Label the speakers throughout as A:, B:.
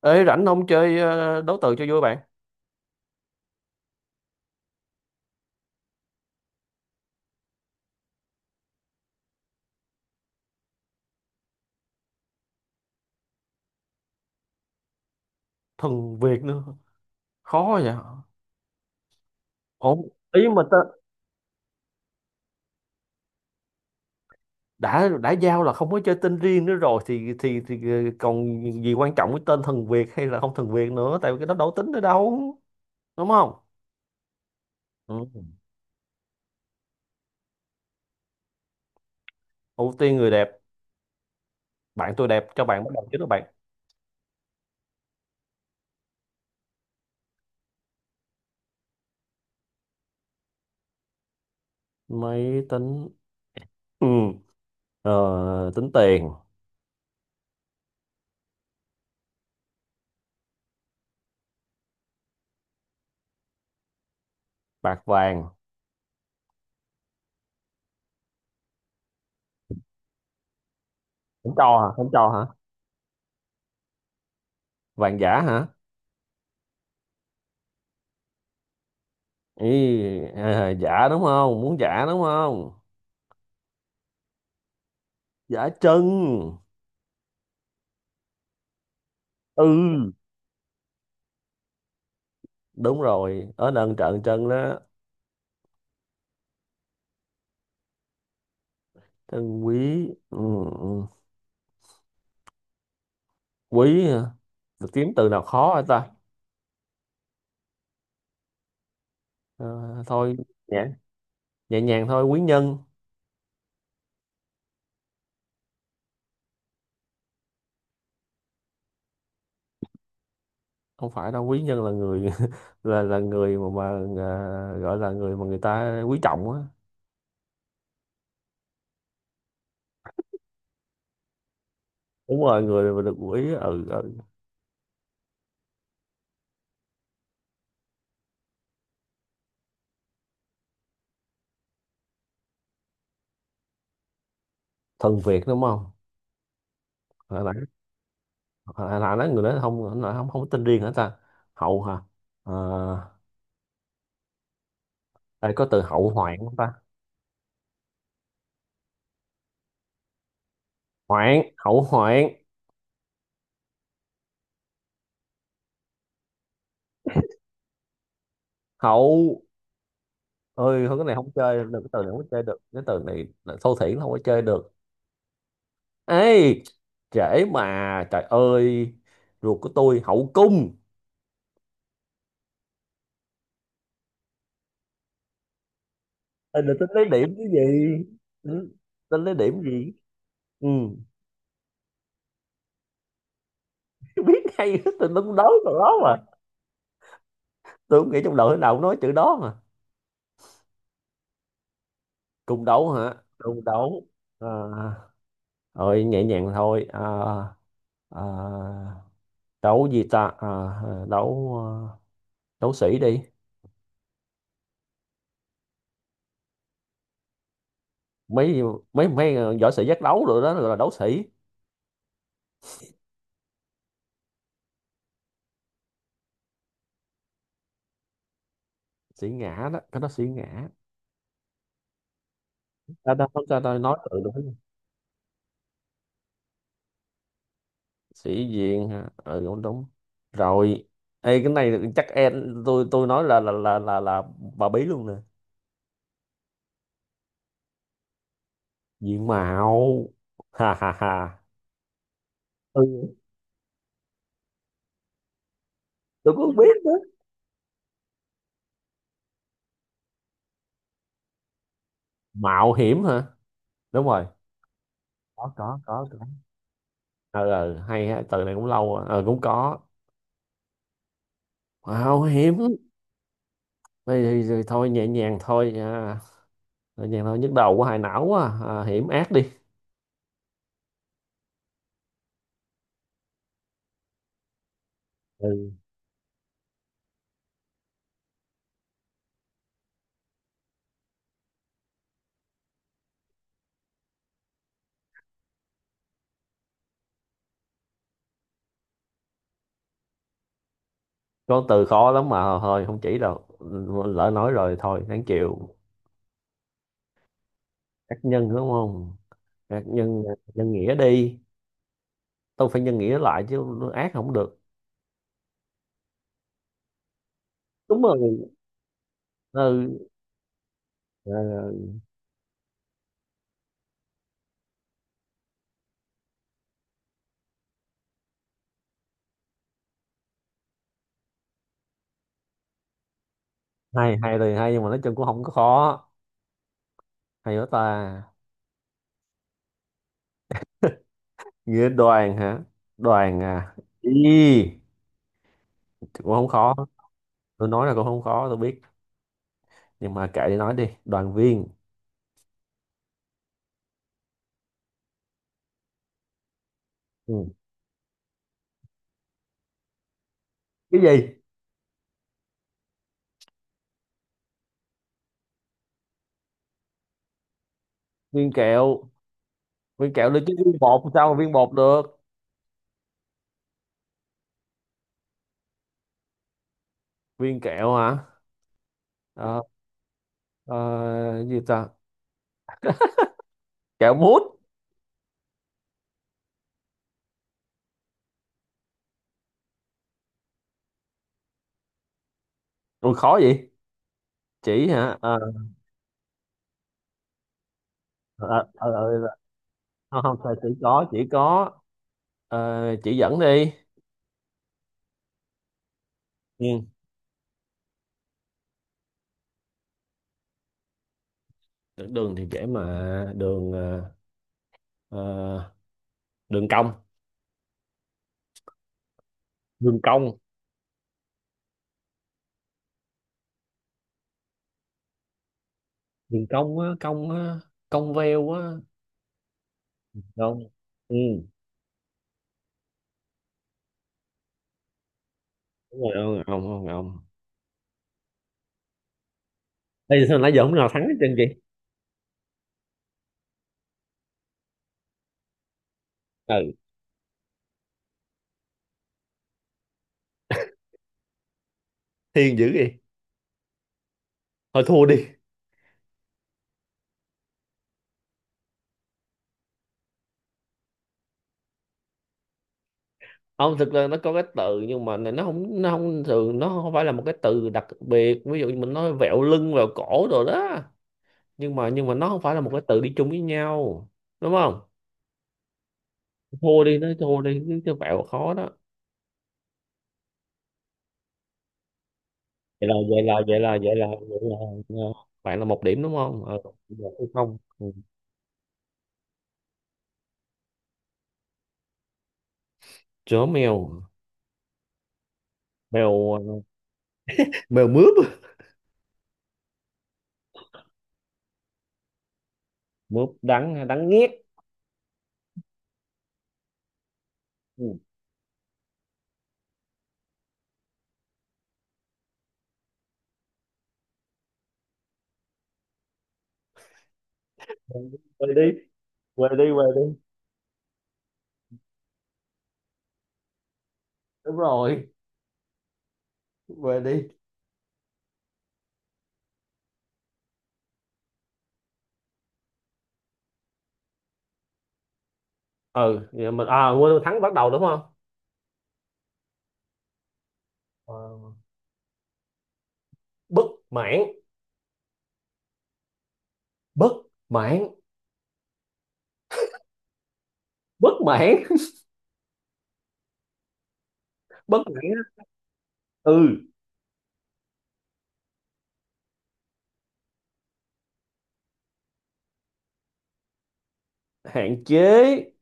A: Ê, rảnh không chơi đấu từ cho vui bạn. Thuần Việt nữa. Khó vậy. Ổn ý mà ta. Đã giao là không có chơi tên riêng nữa rồi thì còn gì quan trọng, cái tên thuần Việt hay là không thuần Việt nữa, tại vì cái đó đâu tính nữa đâu. Đúng không? Ừ. Ưu tiên người đẹp. Bạn tôi đẹp cho bạn bắt đầu chứ đó bạn. Máy tính. Ừ. Tính tiền. Bạc vàng. Không cho hả? Không cho hả? Vàng giả hả? Ý. À, giả đúng không, muốn giả đúng không? Giả chân. Ừ, đúng rồi, ở nâng trận chân đó. Chân quý. Ừ, ừ. Quý hả? Được kiếm từ nào khó hả ta. Ờ, Thôi. Nhẹ nhẹ nhàng thôi, quý nhân. Không phải đâu, quý nhân là người là người mà gọi là người mà người ta quý trọng á. Đúng rồi, người mà được quý. Ừ, ừ. Thần Việt đúng không? Hồi nãy. Hồi nãy nói người đó không. Không có tên riêng hả ta? Hậu hả? Ờ, Đây có từ hậu hoạn không ta? Hoạn, hậu hoạn. Hậu. Ơi không, cái này không chơi được, cái từ này không chơi được, cái từ này là thô thiển không có chơi được. Ê. Trễ mà. Trời ơi. Ruột của tôi, hậu cung. Ê, là tính lấy điểm cái gì? Ừ, tính lấy điểm gì? Ừ. Biết hay tôi đúng, đấu từ đó mà. Tôi không nghĩ trong đầu, thế nào cũng nói chữ đó mà. Cung đấu hả? Cung đấu. À, ơi nhẹ nhàng thôi à. À, đấu gì ta? À, đấu. À, đấu sĩ đi. Mấy mấy mấy ờ, võ sĩ giác đấu rồi đó, gọi là đấu sĩ. Sĩ ngã đó, cái đó sĩ ngã. Ta ta không ta, ta nói tự đúng. Sĩ diện hả? Ừ, đúng đúng rồi. Ê, cái này chắc em, tôi nói là bà bí luôn nè. Diện mạo. Ha ha ha. Ừ. Tôi cũng biết đó. Mạo hiểm hả? Đúng rồi. Có, có, có, có. Ờ, Hay ha, từ này cũng lâu rồi. Ờ Cũng có. Mạo hiểm. Thì thôi, nhẹ nhàng thôi à. Đơn giản thôi, nhức đầu của hại não quá à. À, hiểm ác đi. Ừ. Có từ khó lắm mà thôi không chỉ đâu. Lỡ nói rồi thôi, đáng chịu. Ác nhân đúng không? Ác nhân. Nhân nghĩa đi. Tôi phải nhân nghĩa lại chứ, ác không được. Đúng rồi. Ừ. Ờ, Hay hay thì hay, nhưng mà nói chung cũng không có khó. Hay quá ta. Nghĩa đoàn hả? Đoàn à. Ý, cũng không khó. Tôi nói là cũng không khó, tôi biết. Nhưng mà kệ đi nói đi. Đoàn viên. Ừ. Cái gì? Viên kẹo. Viên kẹo được chứ, viên bột làm sao mà viên bột được. Viên kẹo hả? Ờ, ờ, Gì ta? Kẹo mút. Ui khó vậy. Chỉ hả? Ờ, ờ, ờ, ờ, ờ, ờ. Không không phải chỉ có, chỉ có. Chỉ dẫn đi. Ừ. Đường, đường thì dễ mà, ờ, đường cong. Đường cong. Đường cong á, cong á. Cong veo á. Không. Ừ, đúng rồi, ông ông. Bây giờ sao nãy giờ không nào thắng hết trơn chị. Ừ. Thiên dữ vậy. Thôi thua đi. Không, thực ra nó có cái từ nhưng mà này, nó không thường, nó không phải là một cái từ đặc biệt, ví dụ như mình nói vẹo lưng vẹo cổ rồi đó. Nhưng mà nó không phải là một cái từ đi chung với nhau. Đúng không? Thua đi, nói thua đi chứ chứ vẹo khó đó. Vậy là vậy là vậy là vậy là vậy là ờ, bạn là một điểm đúng không một hay không? Ừ. Chó mèo. Mèo ờ, mèo mướp. Mướp đắng, hay đắng nghét. Ừ. Về đi, về đi, về đi. Đúng rồi. Về đi. Ừ, vậy mình à quên, thắng bắt đầu đúng không? Ờ, Bất mãn. Bất mãn. Bất mãn bất mãn á. Ừ. Hạn chế.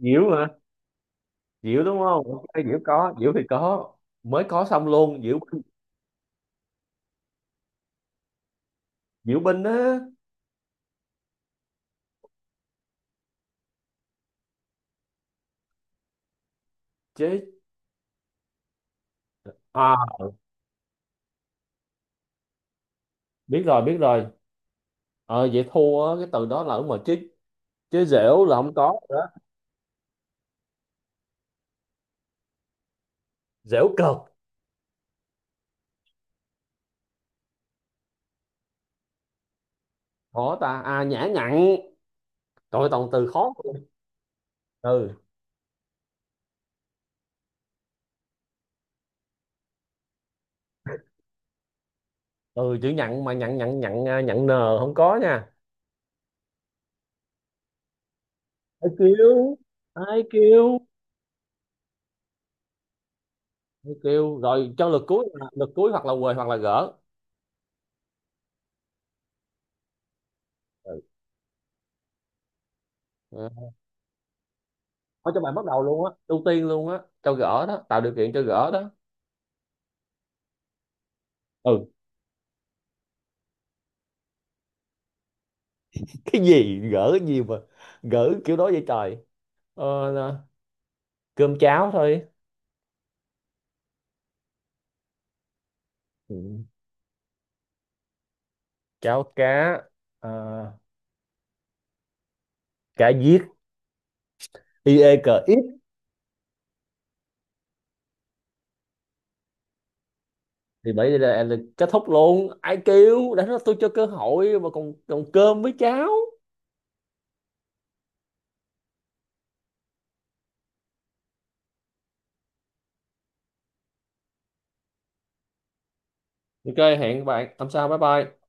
A: Diễu hả? Diễu đúng không? Ok, diễu có, diễu thì có. Mới có xong luôn, diễu binh. Diễu binh á. Chế. À. Biết rồi, biết rồi. Vậy thua á, cái từ đó là đúng rồi chứ, chứ dẻo là không có rồi đó. Dẻo cợt. Khó ta, à nhã nhặn. Trời ơi, toàn từ khó. Từ. Từ chữ nhặn mà, nhặn nhặn nhặn, nhặn nờ không có nha. Ai kêu, ai kêu. Mới kêu rồi cho lượt cuối lượt cuối, hoặc là quề hoặc là gỡ. Ừ. Ừ. Thôi cho bạn bắt đầu luôn á, ưu tiên luôn á, cho gỡ đó, tạo điều kiện cho gỡ đó. Ừ. Cái gì gỡ cái gì mà, gỡ kiểu đó vậy trời. Là cơm cháo thôi. Ừ. Cháo cá. ờ, Cá giết. I e cờ ít. Thì bây giờ là, kết thúc luôn, ai kêu đã nói tôi cho cơ hội mà còn còn cơm với cháo. Ok, hẹn bạn hôm sau, bye bye.